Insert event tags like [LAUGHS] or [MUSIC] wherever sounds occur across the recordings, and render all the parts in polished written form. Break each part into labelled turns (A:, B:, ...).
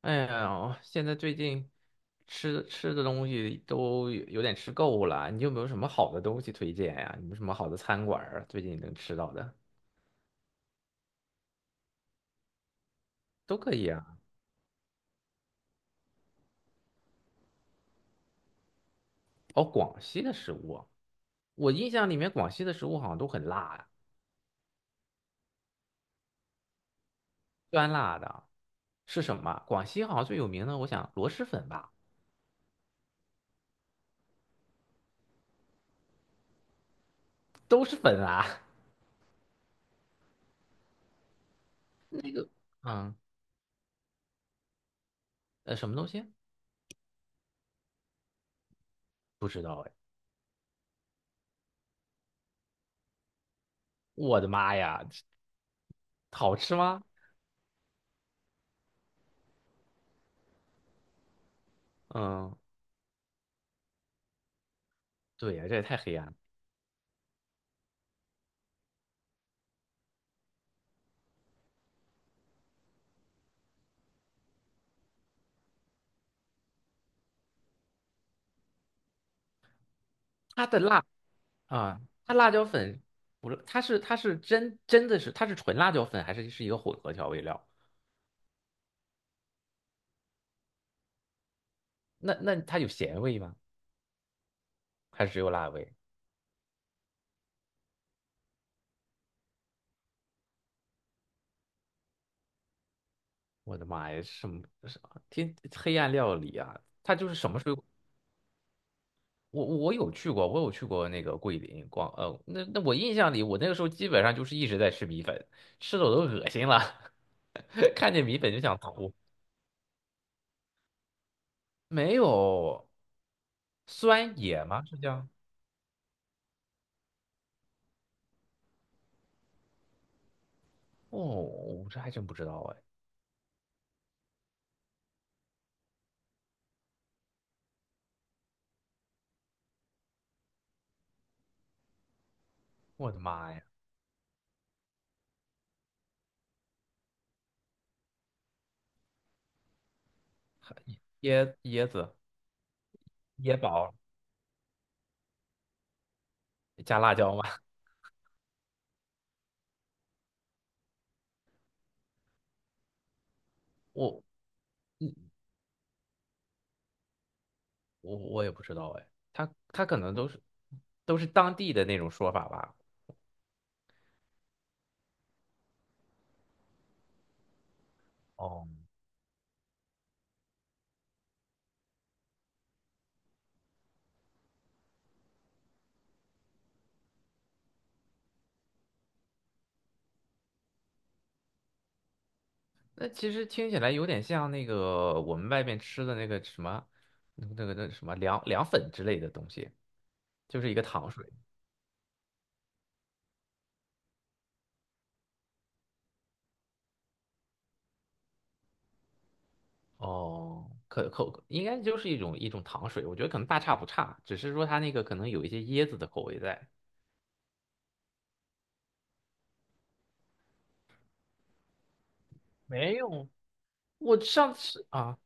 A: 哎呀，现在最近吃的东西都有点吃够了，你有没有什么好的东西推荐呀？有没有什么好的餐馆儿啊？最近能吃到的都可以啊。哦，广西的食物啊，我印象里面广西的食物好像都很辣呀，酸辣的是什么？广西好像最有名的，我想螺蛳粉吧，都是粉啊。[LAUGHS] 那个，嗯，什么东西？不知道哎。我的妈呀，好吃吗？嗯，对呀，这也太黑暗了。它的辣啊，它辣椒粉不是，它是它是真的是纯辣椒粉，还是是一个混合调味料？那它有咸味吗？还是只有辣味？我的妈呀，什么黑暗料理啊！它就是什么水果？我有去过，我有去过那个桂林广，那我印象里，我那个时候基本上就是一直在吃米粉，吃的我都恶心了，[LAUGHS] 看见米粉就想吐。没有酸野吗？是叫？哦，我这还真不知道啊。我的妈呀，椰子椰宝加辣椒吗？[LAUGHS] 我嗯，我也不知道哎，它它可能都是都是当地的那种说法吧。哦，那其实听起来有点像那个我们外面吃的那个什么，那个什么凉凉粉之类的东西，就是一个糖水。哦，可口应该就是一种糖水，我觉得可能大差不差，只是说它那个可能有一些椰子的口味在。没有，我上次啊，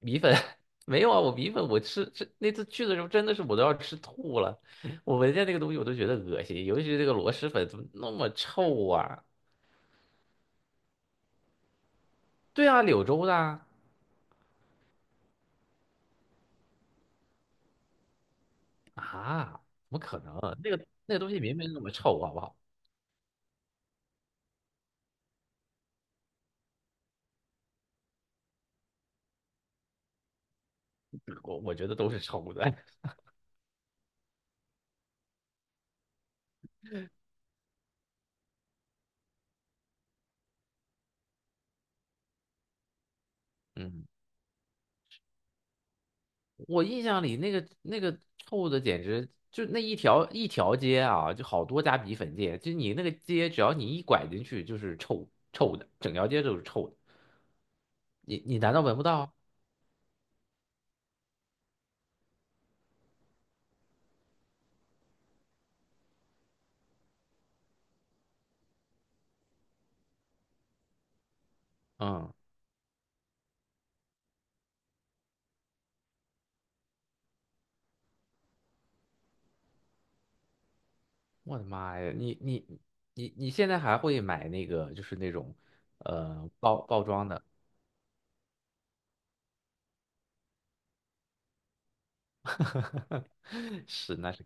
A: 米粉 [LAUGHS] 没有啊，我米粉我吃那次去的时候真的是我都要吃吐了，我闻见那个东西我都觉得恶心，尤其是这个螺蛳粉怎么那么臭啊？对啊，柳州的啊，啊，怎么可能？那个东西明明那么臭，好不好？我觉得都是臭的。[LAUGHS] 嗯，我印象里那个臭的简直就那一条街啊，就好多家米粉店，就你那个街只要你一拐进去就是臭的，整条街都是臭的，你难道闻不到？嗯。我的妈呀，你现在还会买那个就是那种包装的？[LAUGHS] 是，那是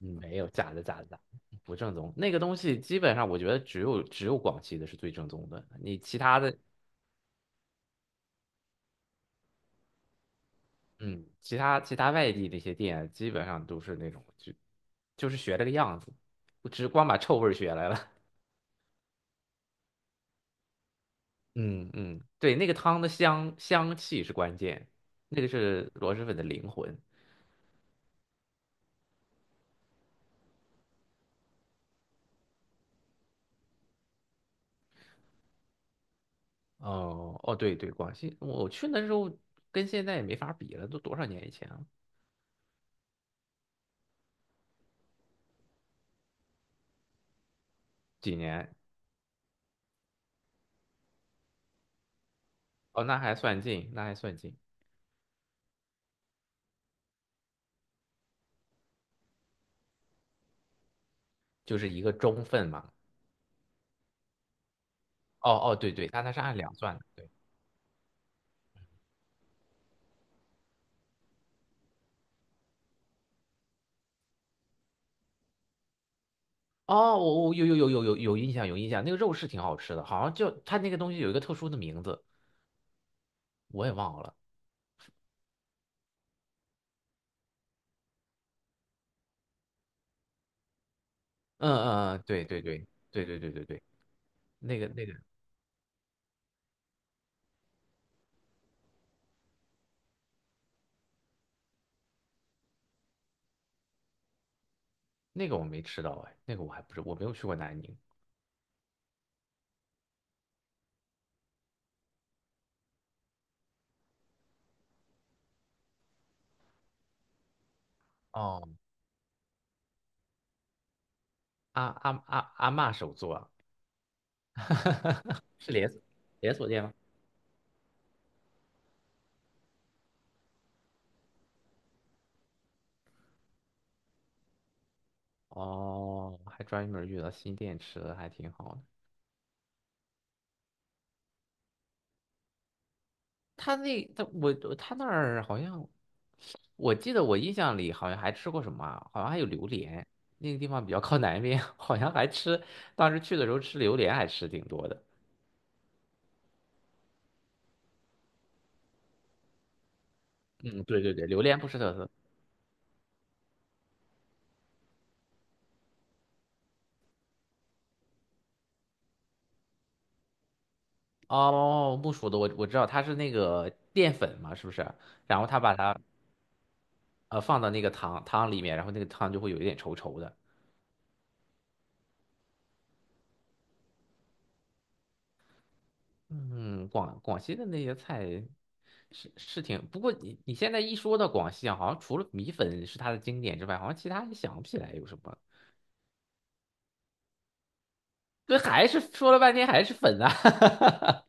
A: 嗯，没有，假的不正宗。那个东西基本上我觉得只有广西的是最正宗的，你其他的嗯，其他外地那些店基本上都是那种就就是学这个样子，我只光把臭味儿学来了。[LAUGHS] 嗯嗯，对，那个汤的香香气是关键，那个是螺蛳粉的灵魂。哦哦，对对，广西，我去那时候跟现在也没法比了，都多少年以前了？几年？哦，那还算近，那还算近，就是一个中份嘛。哦哦，对对，它它是按两算的，对。哦，我有有有有有有印象，有印象，那个肉是挺好吃的，好像就它那个东西有一个特殊的名字，我也忘了。嗯嗯嗯，对对对对对对对对，那个那个我没吃到哎，那个我还不是我没有去过南宁。哦，阿嬷手作啊，[LAUGHS] 是连锁，连锁店吗？哦，还专门遇到新电池的，还挺好的。他那他我他那儿好像，我记得我印象里好像还吃过什么啊，好像还有榴莲。那个地方比较靠南边，[LAUGHS] 好像还吃，当时去的时候吃榴莲还吃挺多的。嗯，对对对，榴莲不是特色。哦，木薯的我知道，它是那个淀粉嘛，是不是？然后他把它放到那个汤里面，然后那个汤就会有一点稠稠的。嗯，广西的那些菜是是挺，不过你你现在一说到广西啊，好像除了米粉是它的经典之外，好像其他也想不起来有什么。对，还是说了半天还是粉啊。[LAUGHS]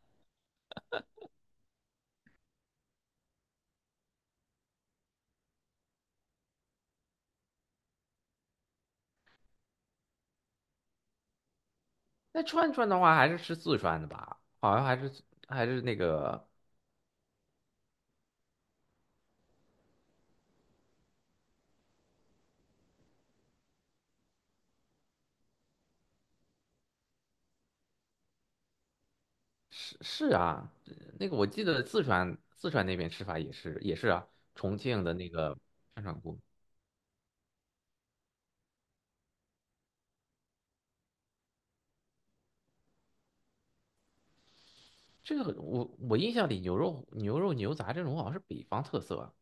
A: 那串串的话，还是吃四川的吧？好像还是，还是那个，是是啊，那个我记得四川那边吃法也是也是啊，重庆的那个串串锅，这个我印象里牛肉牛杂这种好像是北方特色啊。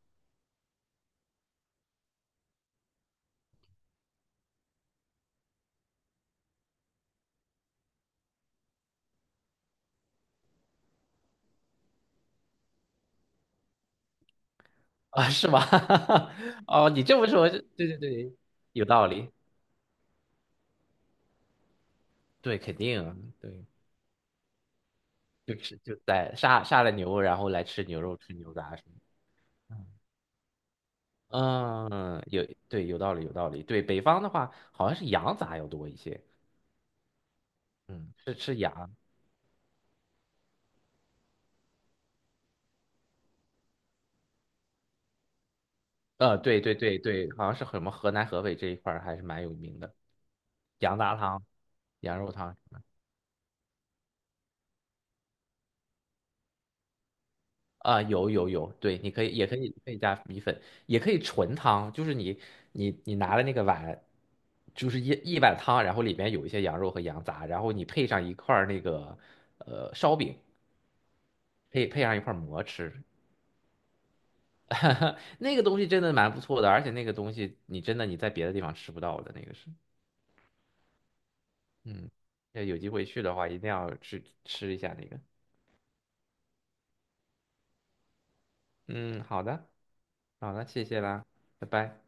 A: [LAUGHS] 啊，是吗？[LAUGHS] 哦，你这么说，对对对，有道理，对，肯定啊，对，就是就在杀了牛，然后来吃牛肉、吃牛杂什么的。嗯，有，对，有道理，有道理。对，北方的话，好像是羊杂要多一些，嗯，是吃羊。呃，对对对对，好像是什么河南、河北这一块儿还是蛮有名的，羊杂汤、羊肉汤。啊，有有有，对，你可以，也可以，可以加米粉，也可以纯汤，就是你，你拿了那个碗，就是一碗汤，然后里面有一些羊肉和羊杂，然后你配上一块儿那个烧饼，配上一块儿馍吃，[LAUGHS] 那个东西真的蛮不错的，而且那个东西你真的你在别的地方吃不到的，那个是，嗯，要有机会去的话一定要去吃一下那个，嗯，好的，好的，谢谢啦，拜拜。